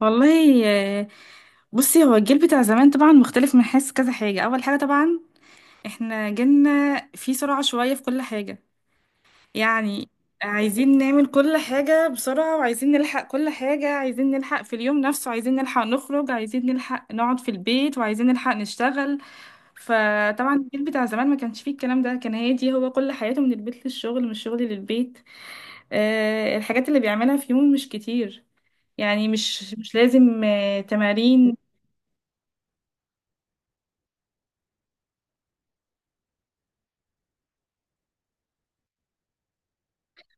والله آه، بصي هو الجيل بتاع زمان طبعا مختلف من حيث كذا حاجة. أول حاجة طبعا احنا جيلنا في سرعة شوية في كل حاجة، يعني عايزين نعمل كل حاجة بسرعة، وعايزين نلحق كل حاجة، عايزين نلحق في اليوم نفسه، عايزين نلحق نخرج، عايزين نلحق نقعد في البيت، وعايزين نلحق نشتغل. فطبعا الجيل بتاع زمان ما كانش فيه الكلام ده، كان هادي، هو كل حياته من البيت للشغل من الشغل للبيت. آه، الحاجات اللي بيعملها في يوم مش كتير، يعني مش لازم آه، تمارين.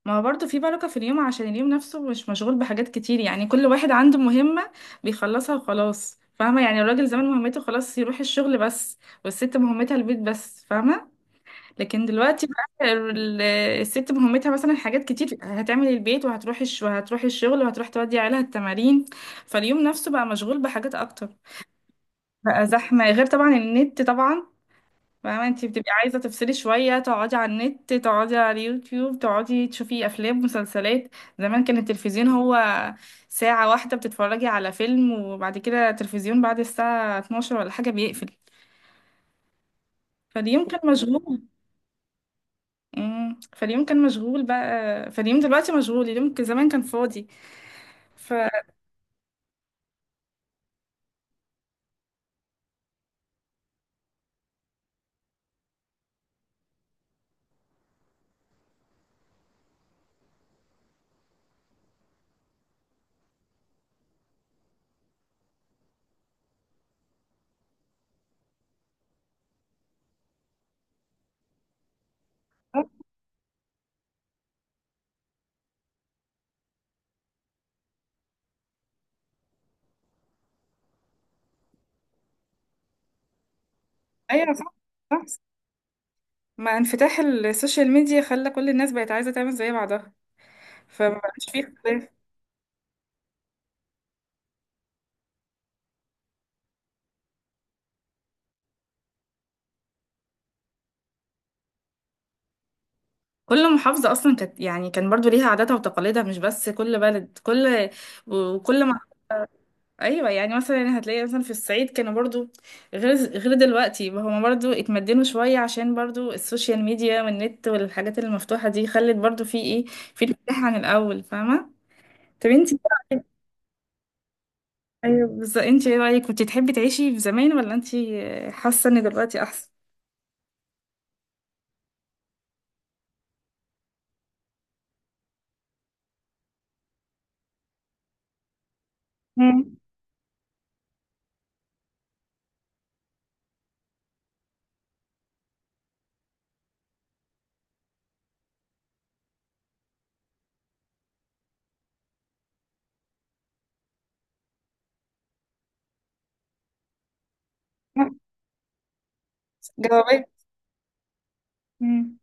ما هو برضه في بركة في اليوم عشان اليوم نفسه مش مشغول بحاجات كتير، يعني كل واحد عنده مهمة بيخلصها وخلاص. فاهمة، يعني الراجل زمان مهمته خلاص يروح الشغل بس، والست مهمتها البيت بس. فاهمة. لكن دلوقتي بقى الست مهمتها مثلا حاجات كتير، هتعمل البيت، وهتروح الشغل، وهتروح تودي عيالها التمارين. فاليوم نفسه بقى مشغول بحاجات أكتر. بقى زحمة، غير طبعا النت طبعا. فاهمة، انتي بتبقي عايزة تفصلي شوية، تقعدي على النت، تقعدي على اليوتيوب، تقعدي تشوفي أفلام مسلسلات. زمان كان التلفزيون هو ساعة واحدة بتتفرجي على فيلم، وبعد كده التلفزيون بعد الساعة 12 ولا حاجة بيقفل. فاليوم كان مشغول. امم، فاليوم كان مشغول بقى، فاليوم دلوقتي مشغول، زمان كان فاضي. ف ايوه صح. صح. مع انفتاح السوشيال ميديا خلى كل الناس بقت عايزة تعمل زي بعضها، فمبقاش فيه اختلاف. كل محافظة أصلا كانت يعني كان برضو ليها عاداتها وتقاليدها، مش بس كل بلد، كل وكل ما... أيوة، يعني مثلا يعني هتلاقي مثلا في الصعيد كانوا برضو غير دلوقتي، هما برضو اتمدنوا شوية عشان برضو السوشيال ميديا والنت والحاجات المفتوحة دي خلت برضو في ايه، في انفتاح عن الأول. فاهمة. طب انتي إيه رأيك؟ أيوة، بس انتي ايه رأيك، كنتي تحبي تعيشي في زمان، ولا انتي حاسة ان دلوقتي أحسن؟ مم. جوابات. مم.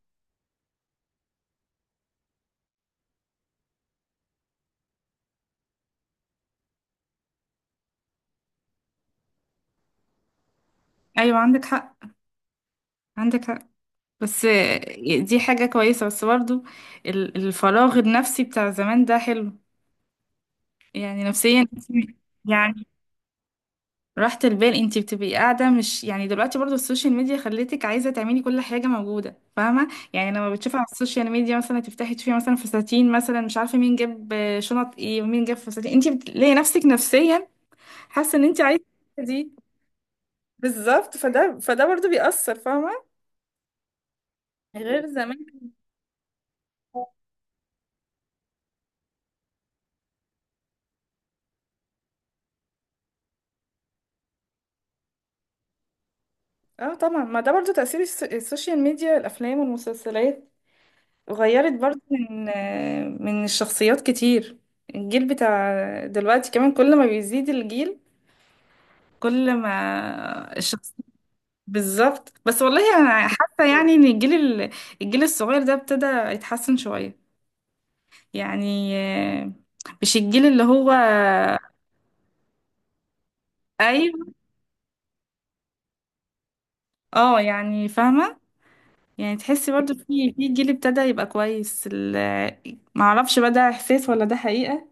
أيوة عندك حق. عندك حق. بس دي حاجة كويسة، بس برضو الفراغ النفسي بتاع زمان ده حلو، يعني نفسيا يعني راحة البال، انتي بتبقي قاعدة، مش يعني دلوقتي برضو السوشيال ميديا خلتك عايزة تعملي كل حاجة موجودة. فاهمة، يعني لما بتشوفي على السوشيال ميديا مثلا، تفتحي تشوفي مثلا فساتين، مثلا مش عارفة مين جاب شنط ايه ومين جاب فساتين، انتي بتلاقي نفسك نفسيا حاسة ان انتي عايزة دي. بالظبط. فده برضو بيأثر. فاهمة، غير زمان. اه طبعا، ما ده برضو تأثير السوشيال ميديا، الأفلام والمسلسلات غيرت برضو من آه، من الشخصيات كتير. الجيل بتاع دلوقتي كمان كل ما بيزيد الجيل، كل ما الشخص... بالظبط. بس والله أنا حاسة يعني إن الجيل الصغير ده ابتدى يتحسن شوية، يعني آه، مش الجيل اللي هو... أيوه. اه يعني فاهمة. يعني تحسي برضو في جيل ابتدى يبقى كويس. معرفش بقى ده إحساس ولا ده حقيقة.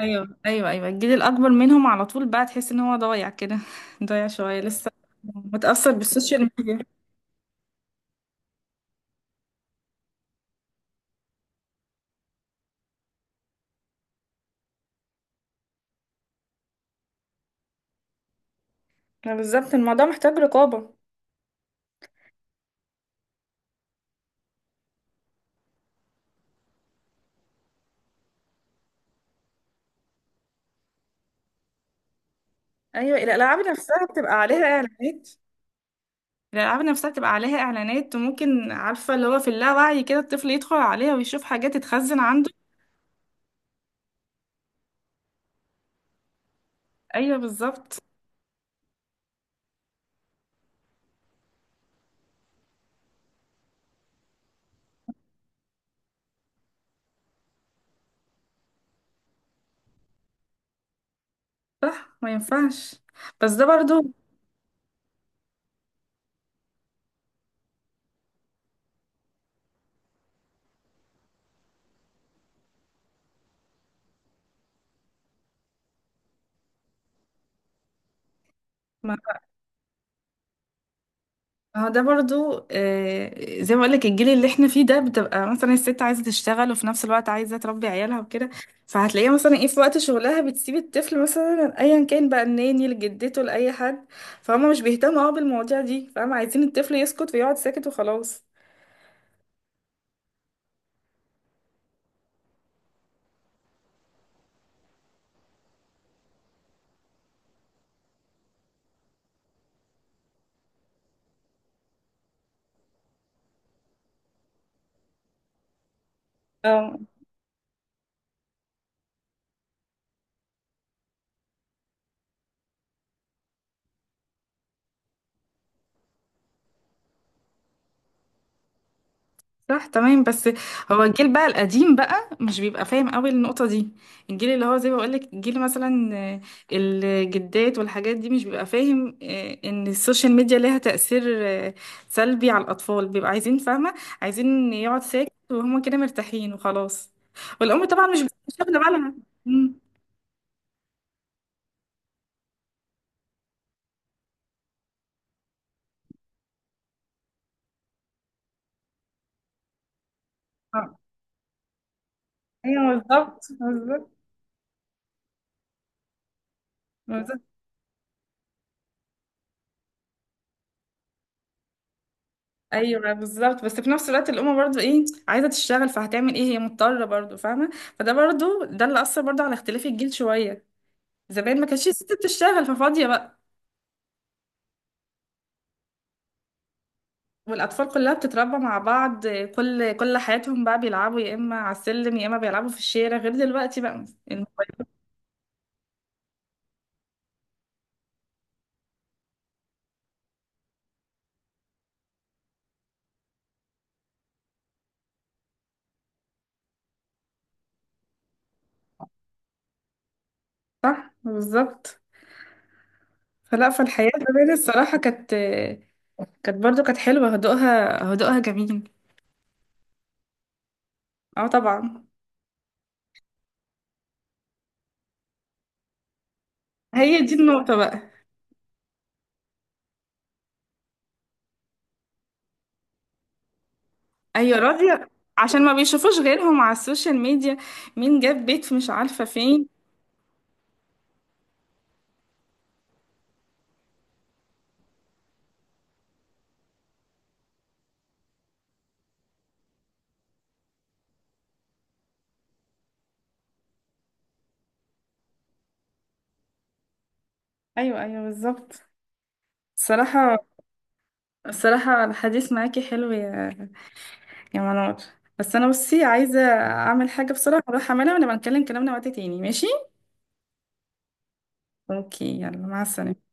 ايوه ايوه ايوه الجيل الاكبر منهم على طول بقى تحس ان هو ضايع كده ضايع شويه لسه متاثر بالسوشيال ميديا ما بالظبط الموضوع محتاج رقابه ايوه الالعاب نفسها بتبقى عليها اعلانات الالعاب نفسها بتبقى عليها اعلانات وممكن عارفه اللي هو في اللاوعي كده الطفل يدخل عليها ويشوف حاجات تتخزن عنده ايوه بالظبط صح ما ينفعش بس ده برضو ما هو ده برضو آه، زي ما بقولك الجيل اللي احنا فيه ده بتبقى مثلا الست عايزة تشتغل وفي نفس الوقت عايزة تربي عيالها وكده فهتلاقيها مثلا ايه في وقت شغلها بتسيب الطفل مثلا ايا كان بقى الناني لجدته لأي حد فهم مش بيهتموا اه بالمواضيع دي فهم عايزين الطفل يسكت ويقعد ساكت وخلاص اه صح تمام بس هو الجيل بقى القديم بقى مش بيبقى فاهم قوي النقطة دي الجيل اللي هو زي ما بقولك الجيل مثلا آه، الجدات والحاجات دي مش بيبقى فاهم آه، ان السوشيال ميديا ليها تأثير آه، سلبي على الأطفال بيبقى عايزين فاهمة عايزين يقعد ساكت وهما كده مرتاحين وخلاص والأم طبعا مش بتبقى شاغلة بالها مم. آه. ايوه بالظبط بالظبط ايوه بالظبط بس في نفس الوقت الام برضو ايه عايزه تشتغل فهتعمل ايه هي مضطره برضو فاهمه فده برضو ده اللي اثر برضو على اختلاف الجيل شويه زمان ما كانتش الست بتشتغل ففاضيه بقى والاطفال كلها بتتربى مع بعض كل كل حياتهم بقى بيلعبوا يا اما على السلم، يا اما بيلعبوا في الشارع، غير دلوقتي بقى الموبايل. صح بالظبط. فلا، فالحياه زمان الصراحه كانت، كانت برضو، كانت حلوه، هدوءها، هدوءها جميل. اه طبعا. هي دي النقطه بقى. ايوه راضية، عشان ما بيشوفوش غيرهم على السوشيال ميديا، مين جاب بيت في مش عارفة فين. ايوه، ايوه بالظبط. الصراحة، الصراحة الحديث معاكي حلو يا منار، بس انا بصي عايزة اعمل حاجة بسرعة، اروح اعملها، ونبقى نتكلم كلامنا وقت تاني ماشي. اوكي، يلا مع السلامة.